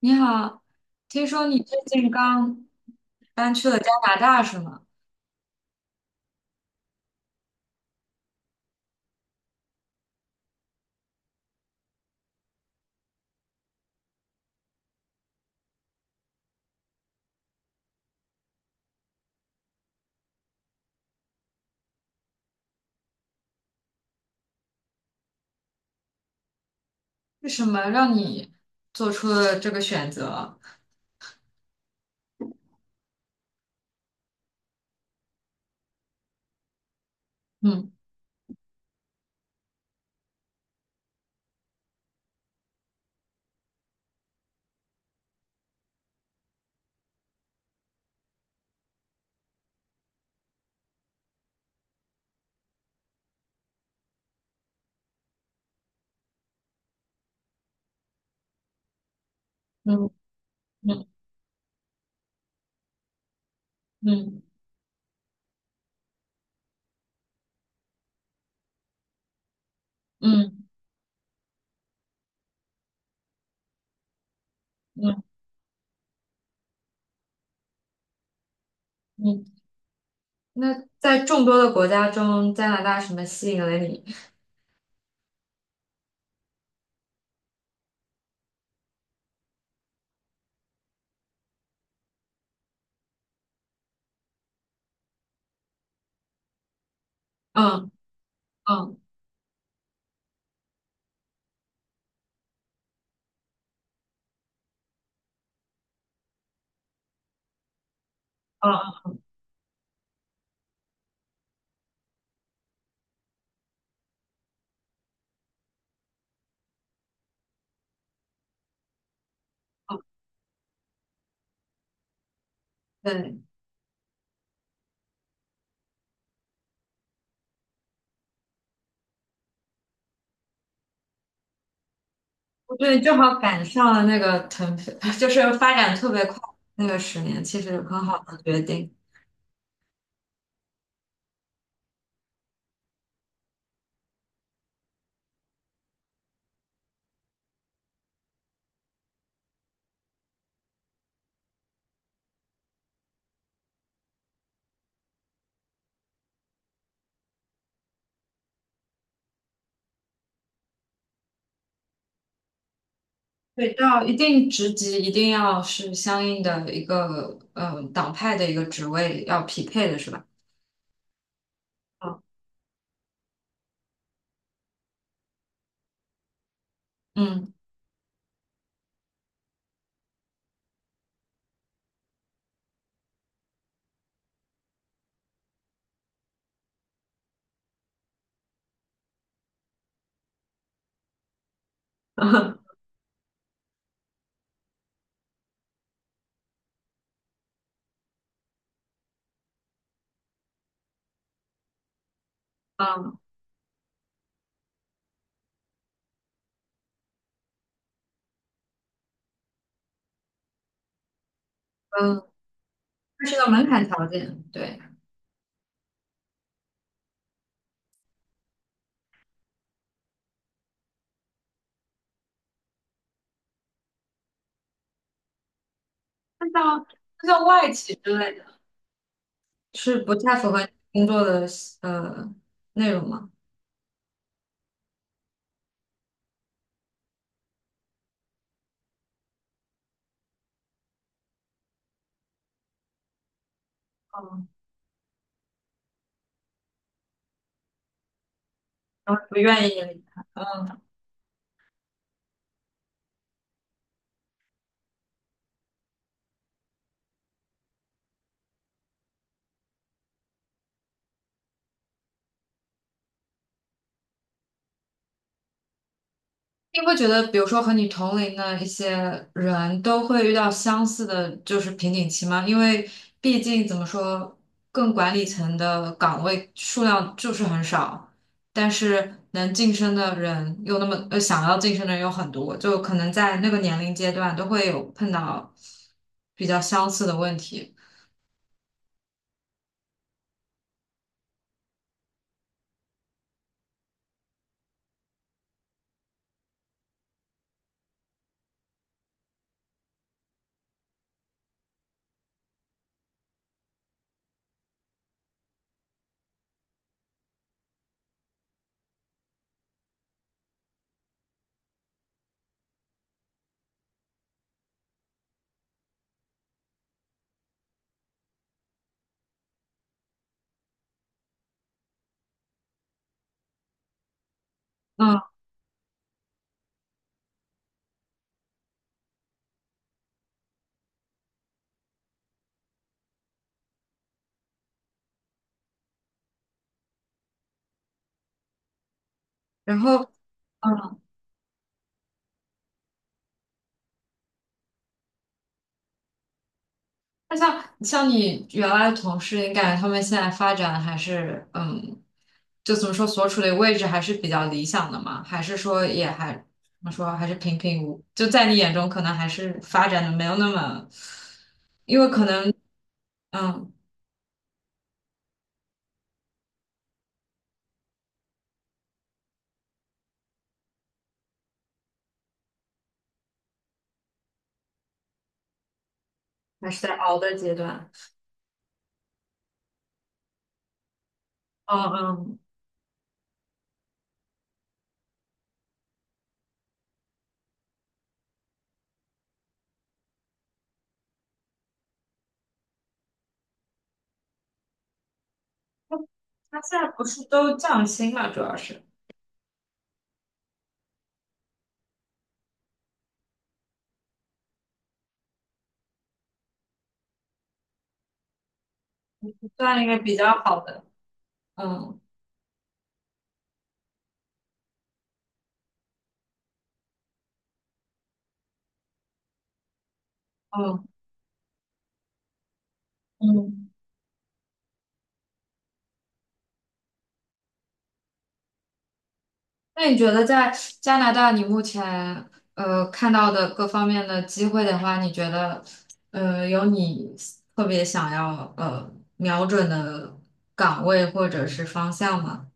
你好，听说你最近刚搬去了加拿大是吗？是什么让你做出了这个选择？嗯嗯嗯嗯嗯嗯嗯。那在众多的国家中，加拿大什么吸引了你？嗯嗯嗯嗯嗯，对，我觉得你正好赶上了那个腾飞，就是发展特别快那个10年，其实很好的决定。对，到一定职级一定要是相应的一个党派的一个职位要匹配的是吧？嗯嗯 嗯嗯，它是个门槛条件，对。那像那像外企之类的，是不太符合你工作的呃内容吗？嗯，然后不愿意离开。你会觉得，比如说和你同龄的一些人都会遇到相似的，就是瓶颈期吗？因为毕竟怎么说，更管理层的岗位数量就是很少，但是能晋升的人又那么，想要晋升的人有很多，就可能在那个年龄阶段都会有碰到比较相似的问题。嗯，然后。嗯。那像你原来的同事，你感觉他们现在发展还是就怎么说所处的位置还是比较理想的嘛？还是说也还怎么说还是平平无？就在你眼中，可能还是发展的没有那么，因为可能嗯还是在熬的阶段。嗯嗯，他他现在不是都降薪嘛？主要是算一个比较好的。嗯嗯嗯。那你觉得在加拿大，你目前看到的各方面的机会的话，你觉得有你特别想要瞄准的岗位或者是方向吗？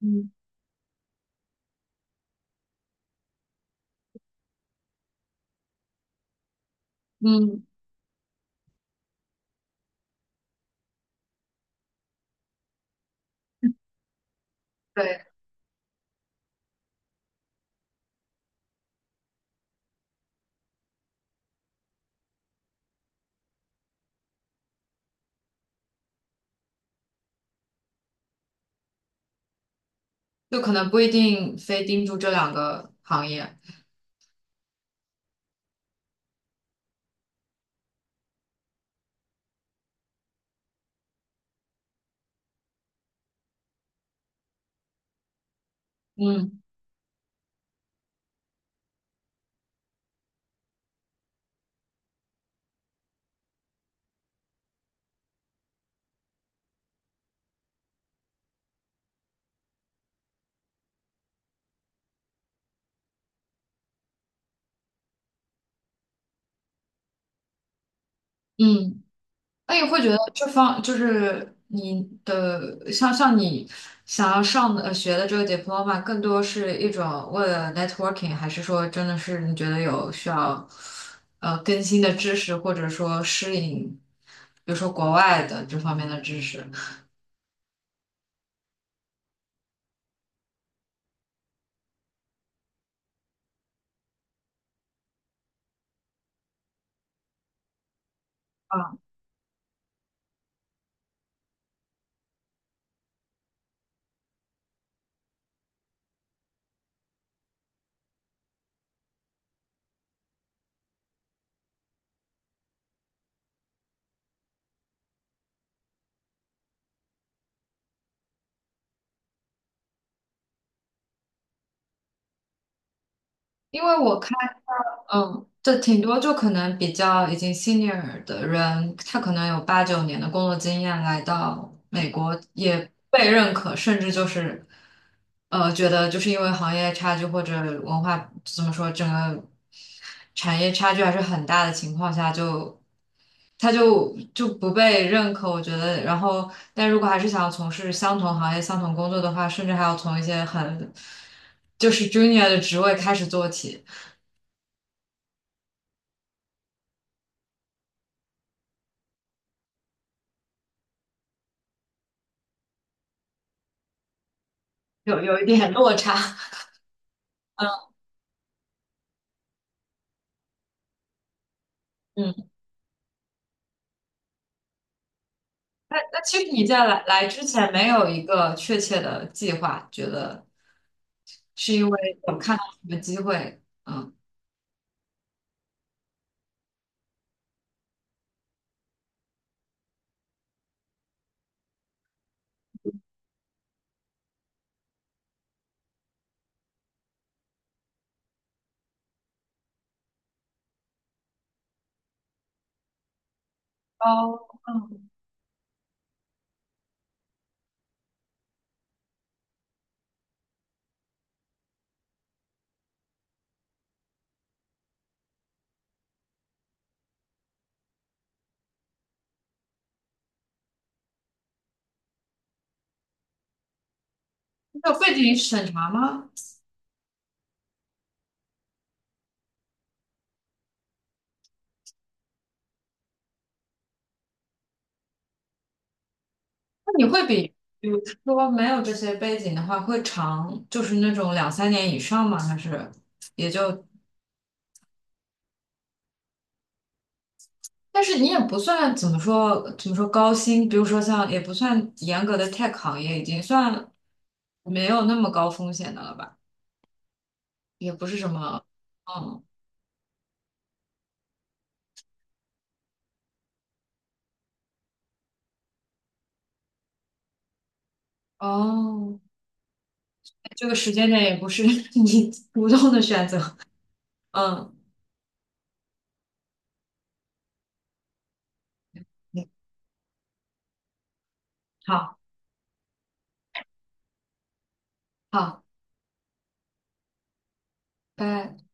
嗯嗯。对，就可能不一定非盯住这两个行业。嗯嗯。那你会觉得这方就是你的，像你想要上的学的这个 diploma，更多是一种为了 networking，还是说真的是你觉得有需要更新的知识，或者说适应，比如说国外的这方面的知识？啊，因为我看。嗯，这挺多，就可能比较已经 senior 的人，他可能有8、9年的工作经验，来到美国也被认可，甚至就是，觉得就是因为行业差距或者文化怎么说，整个产业差距还是很大的情况下就，他就不被认可，我觉得。然后，但如果还是想要从事相同行业、相同工作的话，甚至还要从一些很就是 junior 的职位开始做起。有一点落差。嗯嗯。那其实你在来之前没有一个确切的计划，觉得是因为有看到什么机会，嗯，哦，嗯，有背景审查吗？那你会比，比如说没有这些背景的话，会长，就是那种2、3年以上吗？还是也就？但是你也不算怎么说高薪，比如说像也不算严格的 tech 行业，已经算没有那么高风险的了吧？也不是什么，嗯，哦，这个时间点也不是 你主动的选择，嗯，好，好，拜。